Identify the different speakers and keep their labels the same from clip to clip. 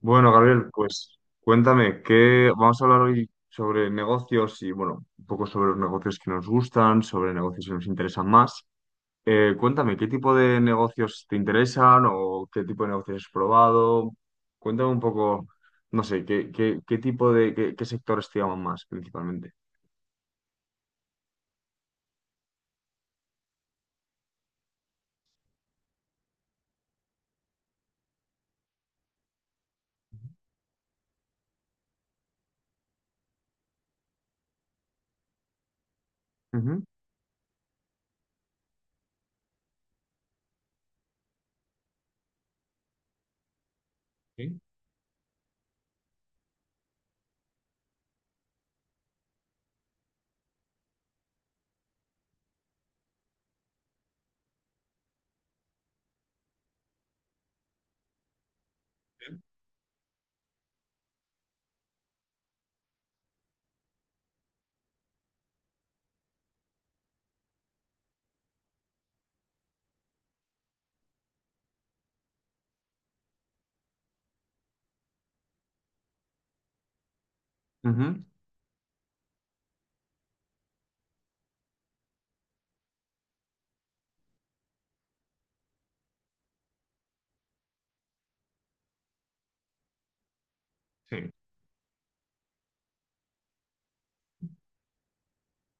Speaker 1: Bueno, Gabriel, pues cuéntame, ¿qué vamos a hablar hoy sobre negocios y, bueno, un poco sobre los negocios que nos gustan, sobre negocios que nos interesan más? Cuéntame, ¿qué tipo de negocios te interesan o qué tipo de negocios has probado? Cuéntame un poco, no sé, ¿qué tipo de, qué sectores te llaman más principalmente? Ujú. Sí, ujú. Sí.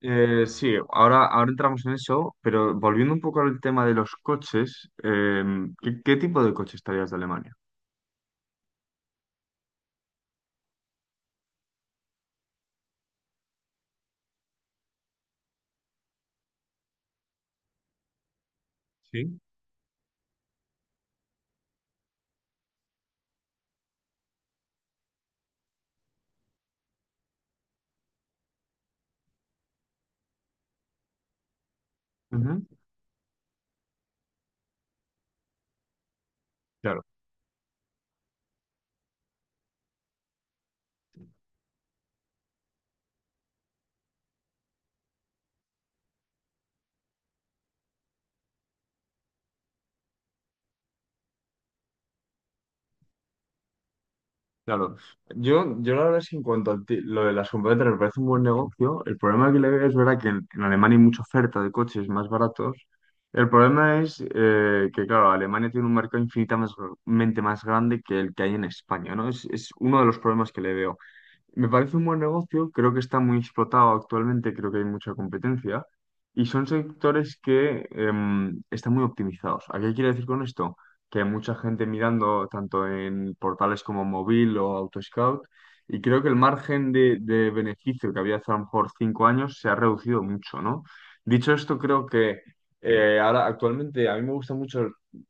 Speaker 1: Sí, ahora entramos en eso, pero volviendo un poco al tema de los coches, ¿qué tipo de coche estarías de Alemania? Sí. Ujú. Claro, claro. Yo la verdad es que en cuanto a lo de las compradoras me parece un buen negocio. El problema que le veo es verdad que en Alemania hay mucha oferta de coches más baratos. El problema es que, claro, Alemania tiene un mercado infinitamente más grande que el que hay en España, ¿no? Es uno de los problemas que le veo. Me parece un buen negocio, creo que está muy explotado actualmente, creo que hay mucha competencia y son sectores que están muy optimizados. ¿A qué quiero decir con esto? Que hay mucha gente mirando tanto en portales como Móvil o AutoScout, y creo que el margen de beneficio que había hace a lo mejor 5 años se ha reducido mucho, ¿no? Dicho esto, creo que ahora actualmente a mí me gusta mucho,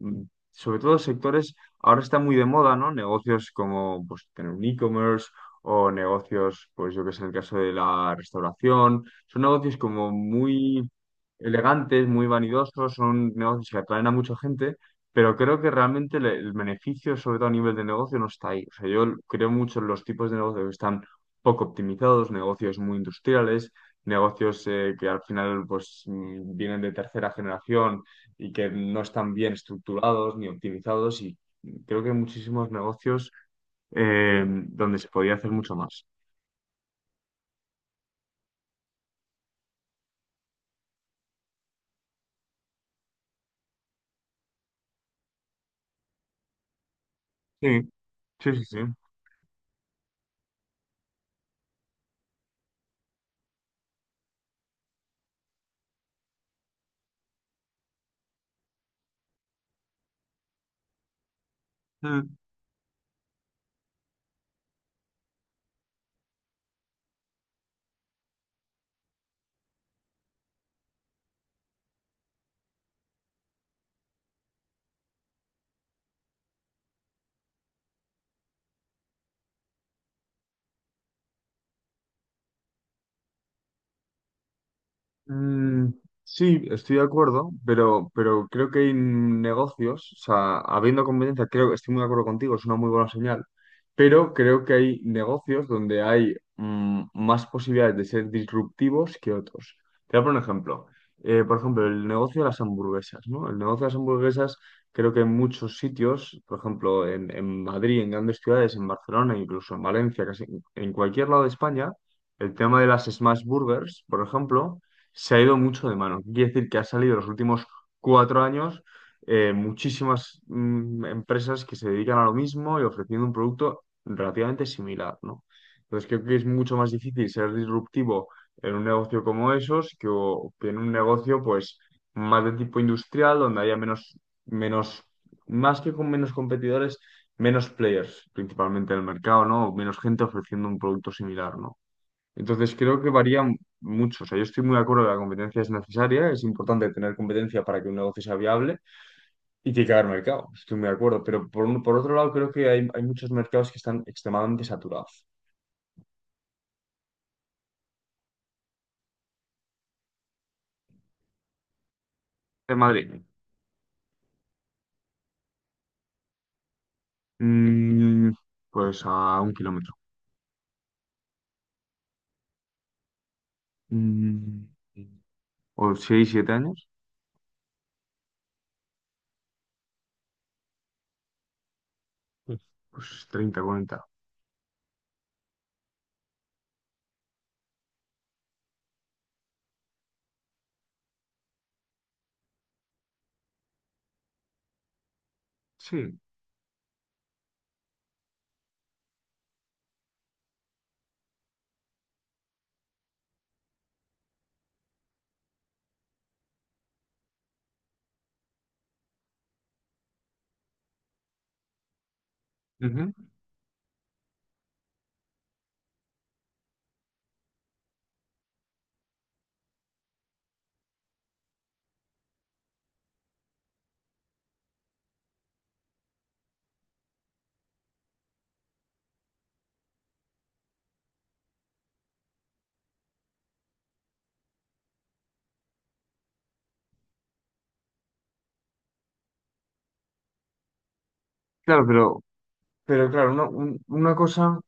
Speaker 1: mm, sobre todo sectores, ahora está muy de moda, ¿no? Negocios como pues tener un e-commerce, o negocios, pues yo que sé, en el caso de la restauración, son negocios como muy elegantes, muy vanidosos, son negocios que atraen a mucha gente, pero creo que realmente el beneficio, sobre todo a nivel de negocio, no está ahí. O sea, yo creo mucho en los tipos de negocios que están poco optimizados, negocios muy industriales, negocios que al final pues vienen de tercera generación y que no están bien estructurados ni optimizados, y creo que muchísimos negocios donde se podía hacer mucho más. Sí, sí, sí, sí. Mm, sí, estoy de acuerdo, pero creo que hay negocios, o sea, habiendo competencia, creo que estoy muy de acuerdo contigo, es una muy buena señal, pero creo que hay negocios donde hay más posibilidades de ser disruptivos que otros. Te voy a poner un ejemplo. Por ejemplo, el negocio de las hamburguesas, ¿no? El negocio de las hamburguesas, creo que en muchos sitios, por ejemplo, en Madrid, en grandes ciudades, en Barcelona, incluso en Valencia, casi en cualquier lado de España, el tema de las smash burgers, por ejemplo, se ha ido mucho de mano. Quiere decir que ha salido los últimos 4 años muchísimas empresas que se dedican a lo mismo y ofreciendo un producto relativamente similar, ¿no? Entonces creo que es mucho más difícil ser disruptivo en un negocio como esos que, que en un negocio pues más de tipo industrial donde haya menos, más que con menos competidores, menos players principalmente en el mercado, ¿no? Menos gente ofreciendo un producto similar, ¿no? Entonces creo que varía mucho. O sea, yo estoy muy de acuerdo que la competencia es necesaria, es importante tener competencia para que un negocio sea viable y tiene que haber mercado. Estoy muy de acuerdo. Pero por otro lado, creo que hay muchos mercados que están extremadamente saturados. De Madrid. mm, pues a 1 kilómetro. Mm, o 6 7 años. Pues pues 30 40. Sí. Ujú. Claro, pero claro, una, una cosa.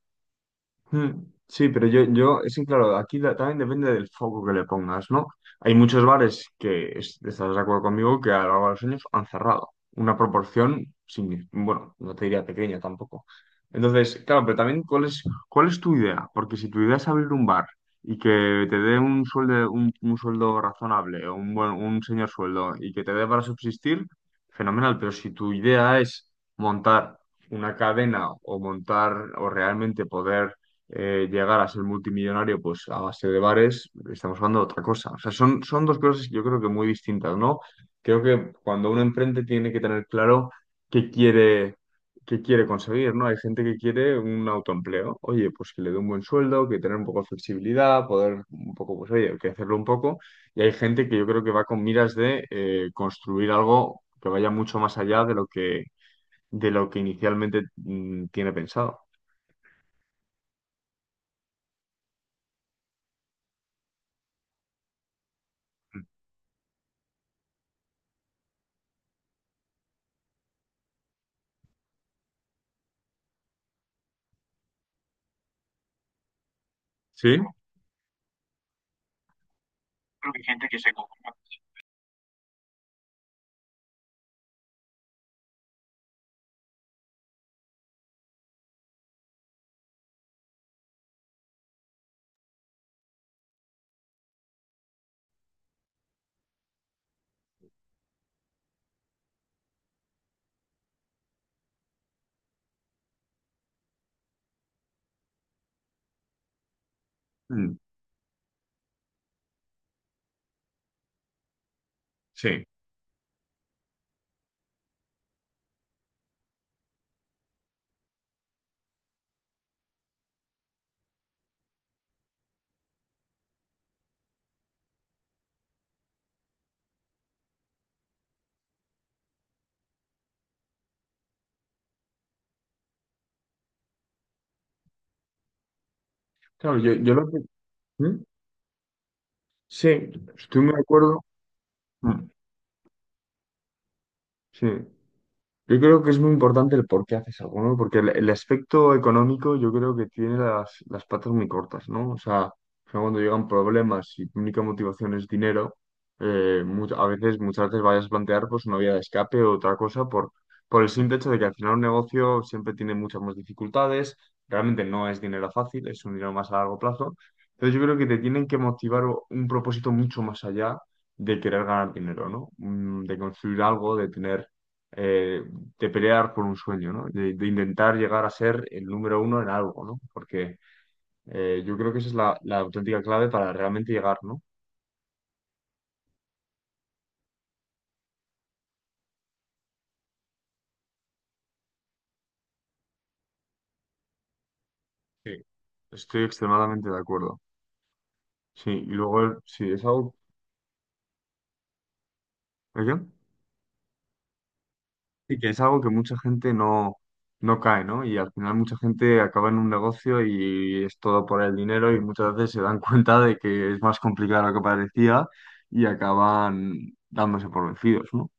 Speaker 1: Mm, Sí, pero es que claro, aquí también depende del foco que le pongas, ¿no? Hay muchos bares que, estarás de acuerdo conmigo, que a lo largo de los años han cerrado. Una proporción, bueno, no te diría pequeña tampoco. Entonces, claro, pero también, cuál es tu idea? Porque si tu idea es abrir un bar y que te dé un sueldo, un sueldo razonable, o un buen, un señor sueldo, y que te dé para subsistir, fenomenal. Pero si tu idea es montar una cadena, o montar, o realmente poder llegar a ser multimillonario pues a base de bares, estamos hablando de otra cosa. O sea, son dos cosas que yo creo que muy distintas, ¿no? Creo que cuando uno emprende tiene que tener claro qué quiere, qué quiere conseguir, ¿no? Hay gente que quiere un autoempleo, oye, pues que le dé un buen sueldo, que tener un poco de flexibilidad, poder un poco, pues oye, que hacerlo un poco. Y hay gente que yo creo que va con miras de construir algo que vaya mucho más allá de lo que inicialmente tiene pensado. ¿Sí? Mm. Sí. Claro, yo lo que... ¿Mm? Sí, estoy muy de acuerdo. Mm. Sí. Yo creo que es muy importante el por qué haces algo, ¿no? Porque el aspecto económico yo creo que tiene las patas muy cortas, ¿no? O sea, al final cuando llegan problemas y tu única motivación es dinero, a veces, muchas veces vayas a plantear pues una vía de escape o otra cosa por el simple hecho de que al final un negocio siempre tiene muchas más dificultades, realmente no es dinero fácil, es un dinero más a largo plazo. Entonces yo creo que te tienen que motivar un propósito mucho más allá de querer ganar dinero, ¿no? De construir algo, de tener eh, de pelear por un sueño, ¿no? De intentar llegar a ser el número uno en algo, ¿no? Porque yo creo que esa es la, la auténtica clave para realmente llegar, ¿no? Sí, estoy extremadamente de acuerdo. Sí, y luego, sí, es algo, ¿oye? Sí, que es algo que mucha gente no cae, ¿no? Y al final mucha gente acaba en un negocio y es todo por el dinero, y muchas veces se dan cuenta de que es más complicado de lo que parecía y acaban dándose por vencidos, ¿no?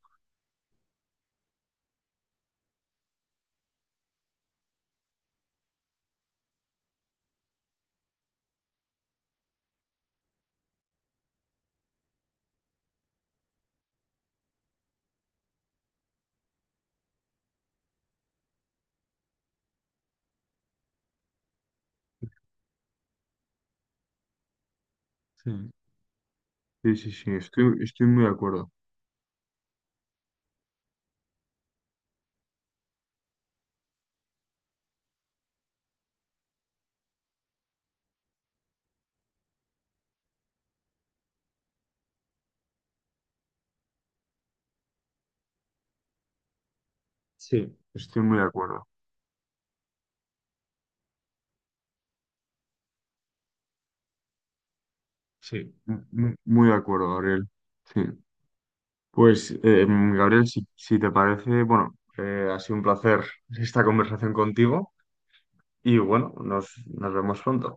Speaker 1: Sí. Sí, sí, sí, estoy, estoy muy de acuerdo. Sí, estoy muy de acuerdo. Sí. Muy de acuerdo, Gabriel. Sí. Pues, Gabriel, si, si te parece, bueno, ha sido un placer esta conversación contigo, y bueno, nos, nos vemos pronto.